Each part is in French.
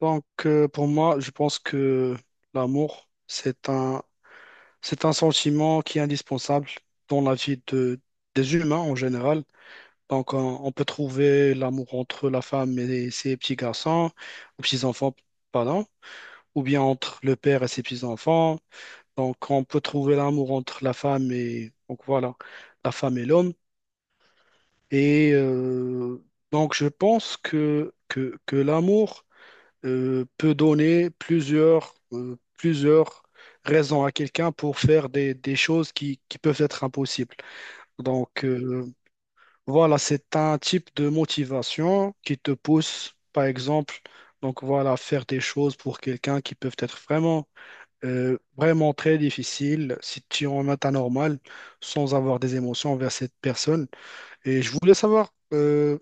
Pour moi, je pense que l'amour, c'est c'est un sentiment qui est indispensable dans la vie des humains en général. Donc, on peut trouver l'amour entre la femme et ses petits garçons, ou petits-enfants, pardon, ou bien entre le père et ses petits-enfants. Donc, on peut trouver l'amour entre la femme et, donc voilà, la femme et l'homme. Et euh, donc, je pense que l'amour peut donner plusieurs raisons à quelqu'un pour faire des choses qui peuvent être impossibles. Donc, euh, voilà, c'est un type de motivation qui te pousse, par exemple, donc voilà, faire des choses pour quelqu'un qui peuvent être vraiment, vraiment très difficiles si tu en as un normal sans avoir des émotions envers cette personne. Et je voulais savoir.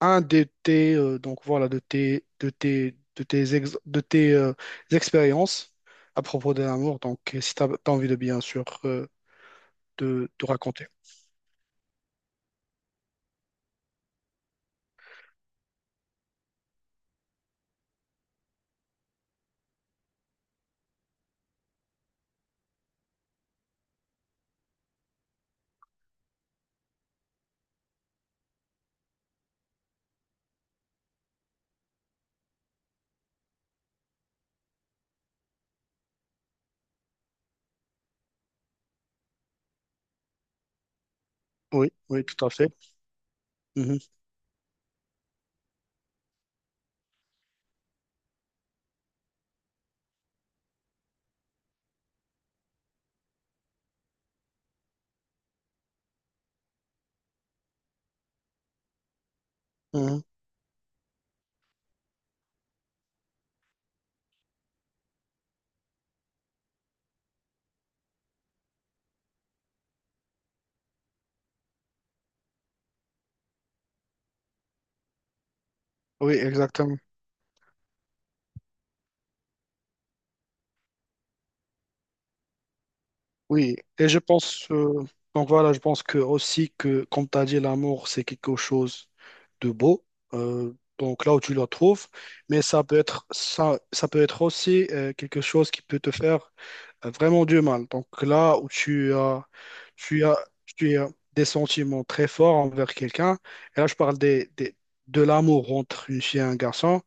Un de donc voilà, de tes, de tes, de tes, ex- de tes expériences à propos de l'amour. Si tu as envie, de bien sûr de raconter. Oui, oui, tout à fait. Mhm. Mhm. Oui, exactement. Oui, et je pense, donc voilà, je pense que aussi que, comme tu as dit, l'amour, c'est quelque chose de beau, donc là où tu le trouves, mais ça peut être, ça peut être aussi quelque chose qui peut te faire vraiment du mal. Donc là où tu as, tu as, tu as des sentiments très forts envers quelqu'un, et là je parle des- de l'amour entre une fille et un garçon,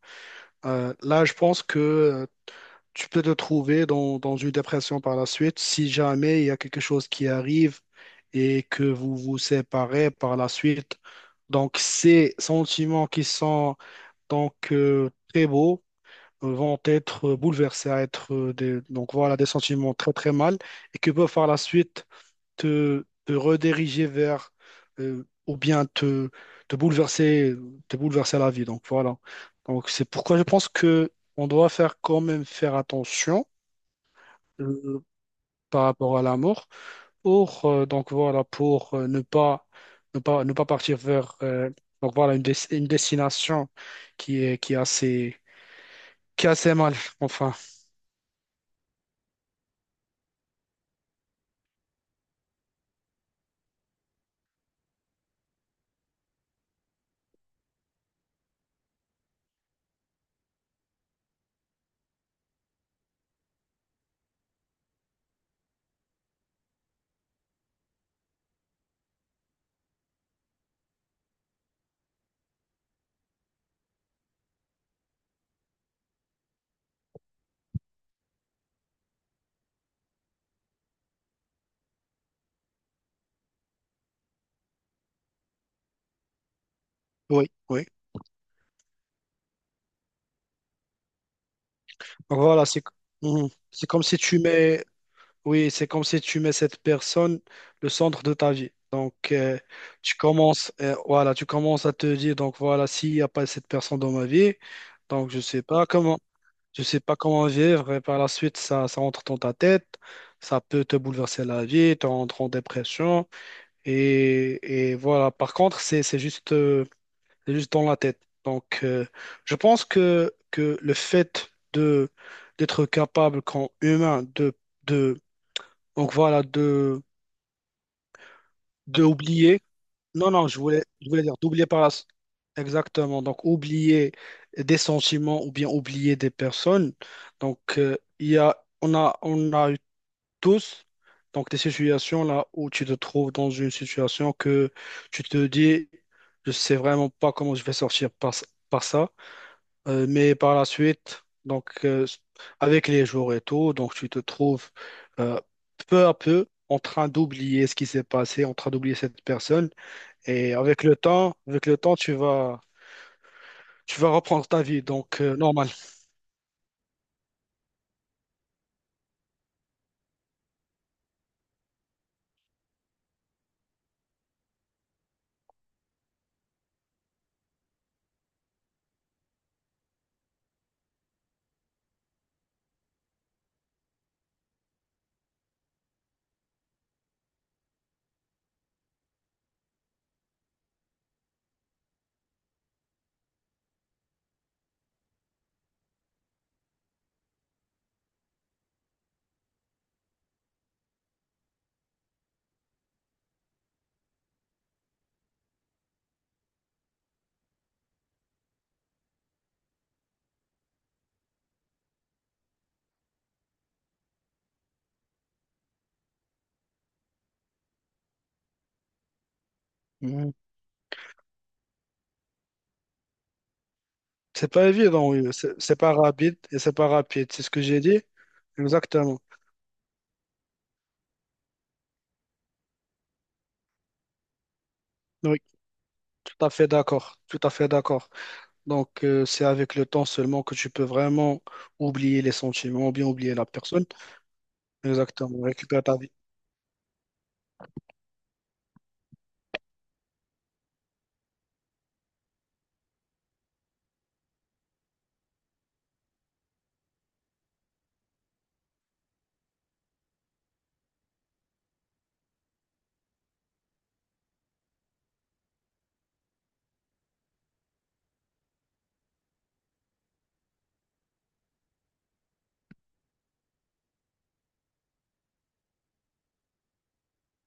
là je pense que tu peux te trouver dans une dépression par la suite si jamais il y a quelque chose qui arrive et que vous vous séparez par la suite. Donc, ces sentiments qui sont donc très beaux vont être bouleversés à être donc voilà, des sentiments très très mal et que peuvent par la suite te, te rediriger vers ou bien te, te bouleverser, te bouleverser la vie. Donc, voilà. Donc, c'est pourquoi je pense que on doit faire quand même faire attention euh, par rapport à la mort. Or, donc voilà, pour ne pas, ne pas, ne pas partir vers donc voilà, une, des- une destination qui est, qui est assez, qui est assez mal, enfin. Oui, oui. Donc voilà, c'est, Mhm. C'est comme si tu mets, oui, c'est comme si tu mets cette personne le centre de ta vie. Tu commences, voilà, tu commences à te dire, donc voilà, s'il n'y a pas cette personne dans ma vie, donc je sais pas comment. Tu sais pas comment vivre et par la suite, ça entre dans ta tête, ça peut te bouleverser la vie, tu entres en dépression et voilà. Par contre, c'est juste dans la tête. Je pense que le fait de d'être capable, quand humain, de, donc voilà, de oublier. Non, non, je voulais dire d'oublier par la... Exactement. Donc, oublier des sentiments ou bien oublier des personnes. Il y a, on a, on a eu tous donc, des situations là où tu te trouves dans une situation que tu te dis, je sais vraiment pas comment je vais sortir par, par ça. Mais par la suite, avec les jours et tout, donc, tu te trouves euh, peu à peu en train d'oublier ce qui s'est passé, en train d'oublier cette personne. Et avec le temps, tu vas reprendre ta vie. Normal. Mhm. C'est pas évident, oui. C'est pas rapide et c'est pas rapide. C'est ce que j'ai dit. Exactement. Oui, tout à fait d'accord. Tout à fait d'accord. C'est avec le temps seulement que tu peux vraiment oublier les sentiments ou bien oublier la personne. Exactement. Récupérer ta vie.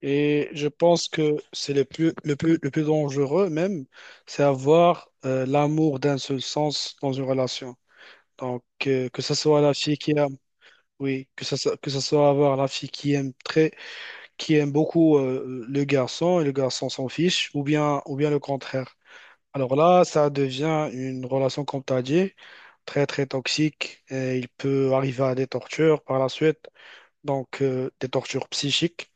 Et je pense que c'est le plus, le plus, le plus dangereux même, c'est avoir l'amour d'un seul sens dans une relation. Que ce soit la fille qui a Oui, que ça soit- que ça soit avoir la fille qui aime très, qui aime beaucoup le garçon et le garçon s'en fiche, ou bien le contraire. Alors là, ça devient une relation, comme tu as dit, très très toxique et il peut arriver à des tortures par la suite, donc des tortures psychiques.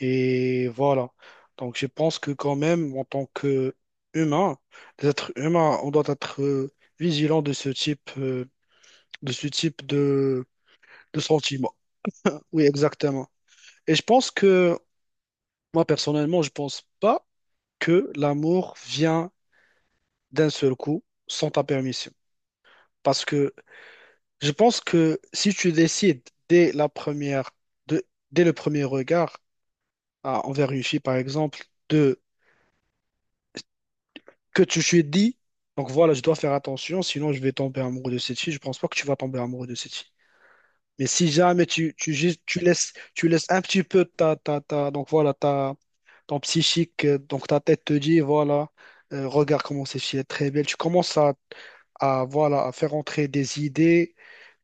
Et voilà. Donc je pense que quand même, en tant que humain, des êtres humains, on doit être vigilant de ce type de ce type de sentiments. Oui, exactement. Et je pense que, moi personnellement, je pense pas que l'amour vient d'un seul coup sans ta permission. Parce que je pense que si tu décides dès la première, de- dès le premier regard à- envers une fille, par exemple, de que tu lui dis, donc voilà, je dois faire attention, sinon je vais tomber amoureux de cette fille, je pense pas que tu vas tomber amoureux de cette fille. Mais si jamais tu laisses un petit peu donc voilà, ta ton psychique, donc ta tête te dit, voilà, regarde comment cette fille est très belle. Tu commences voilà, à faire entrer des idées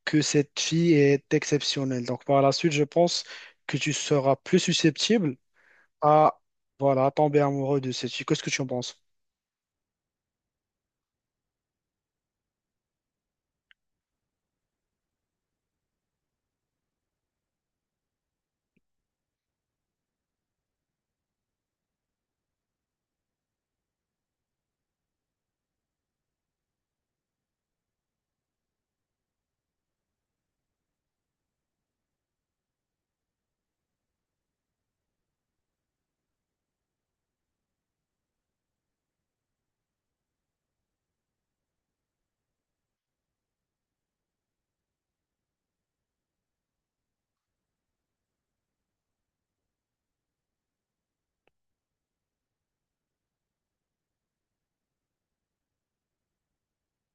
que cette fille est exceptionnelle. Donc par la suite, je pense que tu seras plus susceptible à, voilà, à tomber amoureux de cette fille. Qu'est-ce que tu en penses?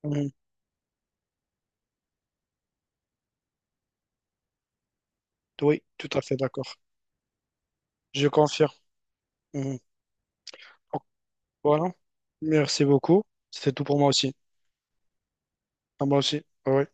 Mhm. Oui, tout à fait d'accord. Je confirme. Mhm. Donc, Voilà. Merci beaucoup. C'était tout pour moi aussi. À moi aussi. Ah oui.